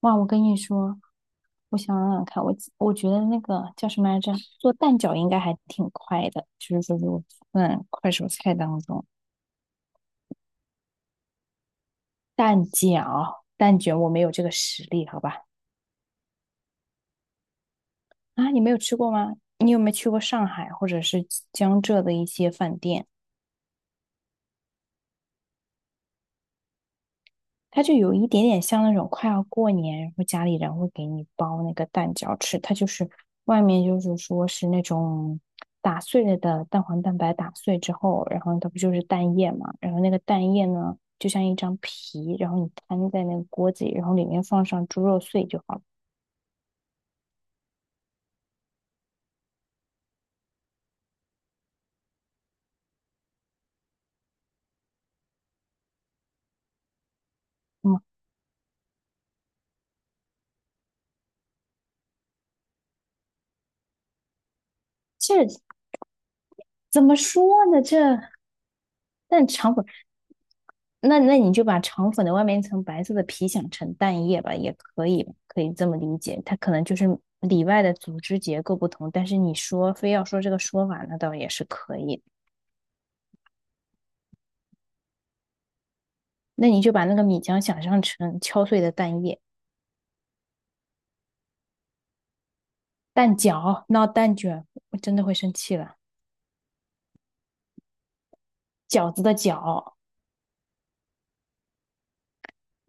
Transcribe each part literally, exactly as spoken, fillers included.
哇，我跟你说，我想想看，我我觉得那个叫什么来着，做蛋饺应该还挺快的，就是说如果算快手菜当中，蛋饺、蛋卷我没有这个实力，好吧？啊，你没有吃过吗？你有没有去过上海或者是江浙的一些饭店？它就有一点点像那种快要过年，然后家里人会给你包那个蛋饺吃。它就是外面就是说是那种打碎了的蛋黄蛋白打碎之后，然后它不就是蛋液嘛？然后那个蛋液呢，就像一张皮，然后你摊在那个锅子里，然后里面放上猪肉碎就好了。嗯，这怎么说呢？这但肠粉。那那你就把肠粉的外面一层白色的皮想成蛋液吧，也可以，可以这么理解。它可能就是里外的组织结构不同，但是你说非要说这个说法，那倒也是可以。那你就把那个米浆想象成敲碎的蛋液、蛋饺，闹蛋卷，我真的会生气了。饺子的饺，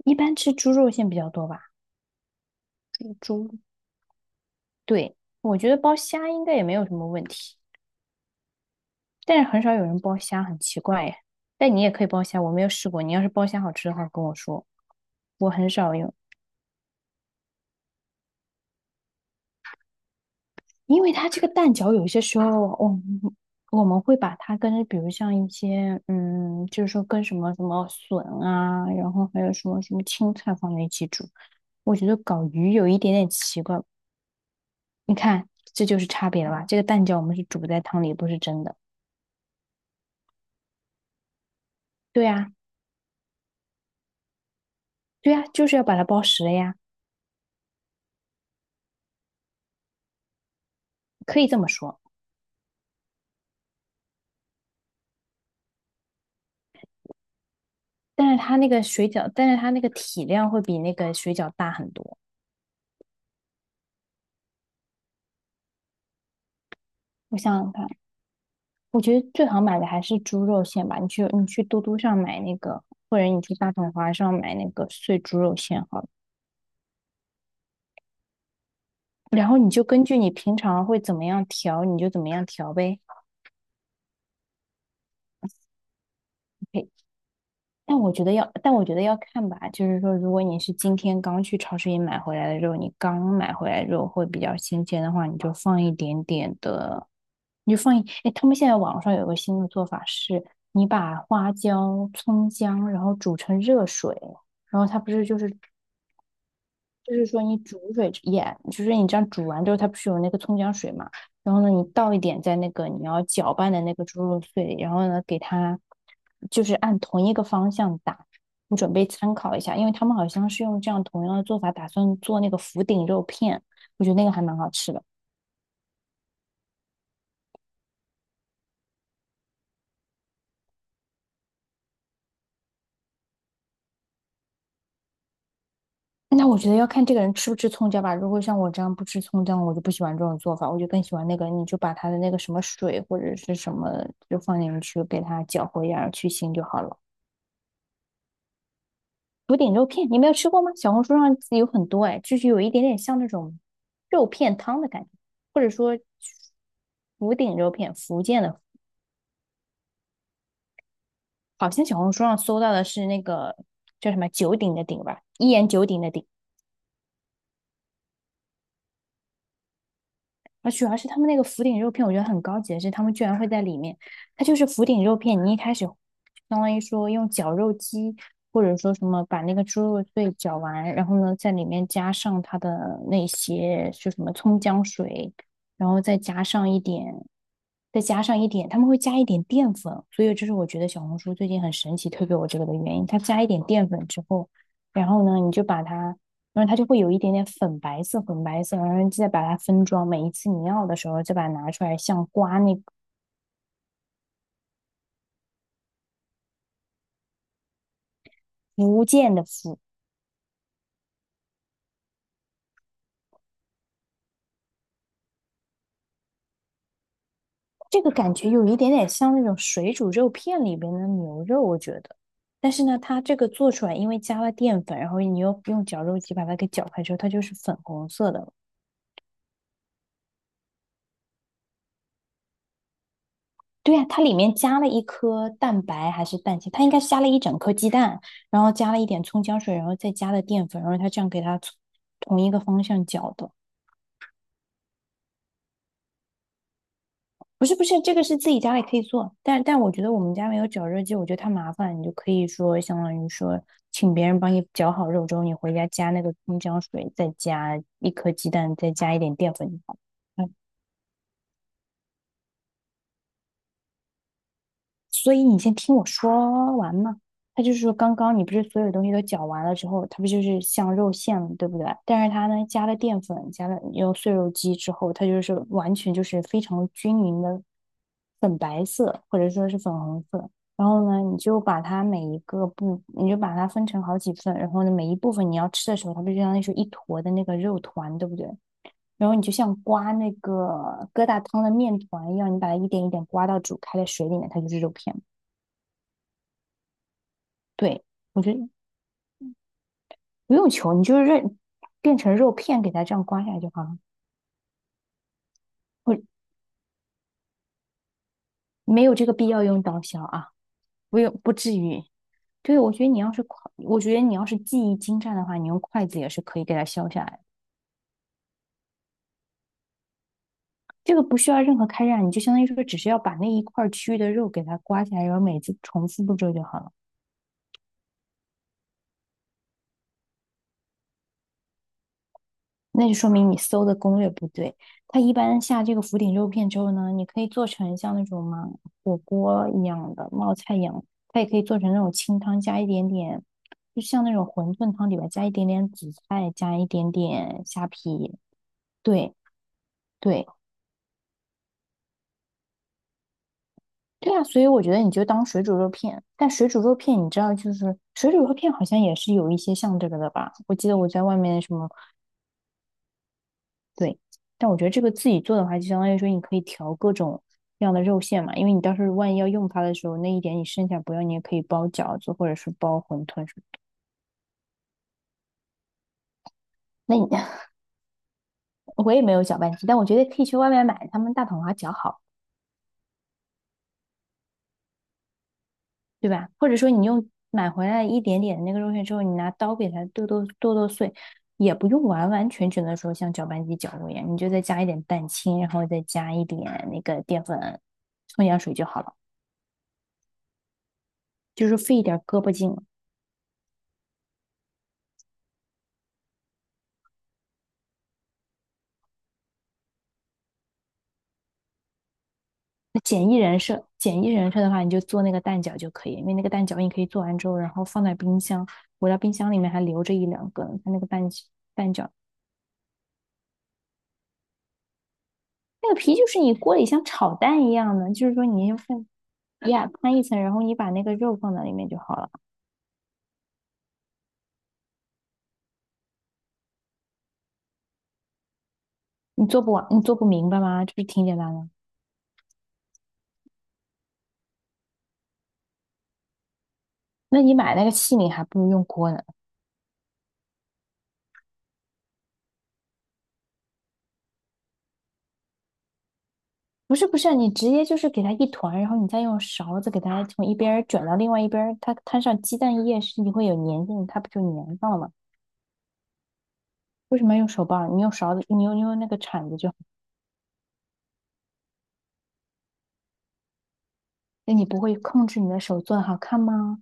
一般吃猪肉馅比较多吧？猪，对，我觉得包虾应该也没有什么问题，但是很少有人包虾，很奇怪耶。但你也可以包虾，我没有试过。你要是包虾好吃的话，跟我说。我很少用，因为它这个蛋饺有些时候我们我们会把它跟比如像一些嗯，就是说跟什么什么笋啊，然后还有什么什么青菜放在一起煮，我觉得搞鱼有一点点奇怪。你看，这就是差别了吧？这个蛋饺我们是煮在汤里，不是蒸的。对呀，对呀，就是要把它包实了呀，可以这么说。但是它那个水饺，但是它那个体量会比那个水饺大很多。我想想看。我觉得最好买的还是猪肉馅吧。你去你去嘟嘟上买那个，或者你去大统华上买那个碎猪肉馅好了。然后你就根据你平常会怎么样调，你就怎么样调呗。OK，但我觉得要，但我觉得要看吧。就是说，如果你是今天刚去超市里买回来的肉，你刚买回来的肉会比较新鲜的话，你就放一点点的，你就放一。哎，他们现在网上有个新的做法是，你把花椒、葱姜，然后煮成热水。然后它不是就是就是说你煮水也，就是你这样煮完之后，它不是有那个葱姜水嘛？然后呢，你倒一点在那个你要搅拌的那个猪肉碎里，然后呢，给它就是按同一个方向打。你准备参考一下，因为他们好像是用这样同样的做法，打算做那个福鼎肉片，我觉得那个还蛮好吃的。那我觉得要看这个人吃不吃葱姜吧。如果像我这样不吃葱姜，我就不喜欢这种做法，我就更喜欢那个，你就把它的那个什么水或者是什么就放进去，给它搅和一下，去腥就好了。福鼎肉片，你没有吃过吗？小红书上有很多哎，就是有一点点像那种肉片汤的感觉，或者说福鼎肉片，福建的，好像小红书上搜到的是那个叫什么九鼎的鼎吧，一言九鼎的鼎。而主要是他们那个福鼎肉片，我觉得很高级的是，他们居然会在里面，它就是福鼎肉片，你一开始相当于说用绞肉机，或者说什么把那个猪肉碎绞完，然后呢在里面加上它的那些就什么葱姜水，然后再加上一点，再加上一点，他们会加一点淀粉，所以这是我觉得小红书最近很神奇推给我这个的原因，它加一点淀粉之后，然后呢你就把它。然后它就会有一点点粉白色、粉白色，然后再把它分装。每一次你要的时候，再把它拿出来，像刮那个福建的福，这个感觉有一点点像那种水煮肉片里边的牛肉，我觉得。但是呢，它这个做出来，因为加了淀粉，然后你又用绞肉机把它给搅开之后，它就是粉红色的了对呀，它里面加了一颗蛋白还是蛋清，它应该是加了一整颗鸡蛋，然后加了一点葱姜水，然后再加了淀粉，然后它这样给它从同一个方向搅的。不是不是，这个是自己家里可以做，但但我觉得我们家没有绞肉机，我觉得太麻烦，你就可以说相当于说请别人帮你绞好肉之后，你回家加那个葱姜水，再加一颗鸡蛋，再加一点淀粉就好了。所以你先听我说完嘛。他就是说，刚刚你不是所有东西都搅完了之后，它不就是像肉馅了，对不对？但是它呢，加了淀粉，加了用碎肉机之后，它就是完全就是非常均匀的粉白色，或者说是粉红色。然后呢，你就把它每一个部，你就把它分成好几份，然后呢，每一部分你要吃的时候，它不就相当于是一坨的那个肉团，对不对？然后你就像刮那个疙瘩汤的面团一样，你把它一点一点刮到煮开的水里面，它就是肉片。对，我觉得不用求，你就是认变成肉片给它这样刮下来就好了。我没有这个必要用刀削啊，不用不至于。对，我觉得你要是筷我觉得你要是技艺精湛的话，你用筷子也是可以给它削下来的。这个不需要任何开刃啊，你就相当于说只是要把那一块儿区域的肉给它刮下来，然后每次重复步骤就好了。那就说明你搜的攻略不对。它一般下这个福鼎肉片之后呢，你可以做成像那种嘛火锅一样的冒菜一样，它也可以做成那种清汤加一点点，就像那种馄饨汤里边加一点点紫菜，加一点点虾皮。对对对啊，所以我觉得你就当水煮肉片。但水煮肉片你知道，就是水煮肉片好像也是有一些像这个的吧？我记得我在外面什么。对，但我觉得这个自己做的话，就相当于说你可以调各种各样的肉馅嘛，因为你到时候万一要用它的时候，那一点你剩下不要，你也可以包饺子或者是包馄饨什么。那你 我也没有搅拌机，但我觉得可以去外面买他们大统华搅好，对吧？或者说你用买回来一点点的那个肉馅之后，你拿刀给它剁剁剁剁碎，也不用完完全全的说像搅拌机搅过一样，你就再加一点蛋清，然后再加一点那个淀粉、葱姜水就好了，就是费一点胳膊劲了。那简易人设，简易人设的话，你就做那个蛋饺就可以，因为那个蛋饺你可以做完之后，然后放在冰箱，我到冰箱里面还留着一两个呢。它那个蛋蛋饺，那个皮就是你锅里像炒蛋一样的，就是说你先放呀摊一层，然后你把那个肉放在里面就好了。你做不完，你做不明白吗？就是挺简单的。那你买那个器皿还不如用锅呢。不是不是啊，你直接就是给它一团，然后你再用勺子给它从一边儿卷到另外一边儿它摊上鸡蛋液是你会有粘性，它不就粘上了吗？为什么要用手把儿你用勺子，你用你用那个铲子就好。那你不会控制你的手做的好看吗？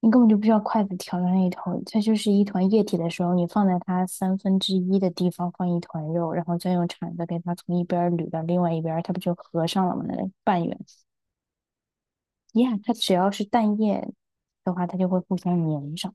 你根本就不需要筷子挑的那一头，它就是一团液体的时候，你放在它三分之一的地方放一团肉，然后再用铲子给它从一边儿捋到另外一边儿，它不就合上了吗？那个半圆，呀，它只要是蛋液的话，它就会互相粘上。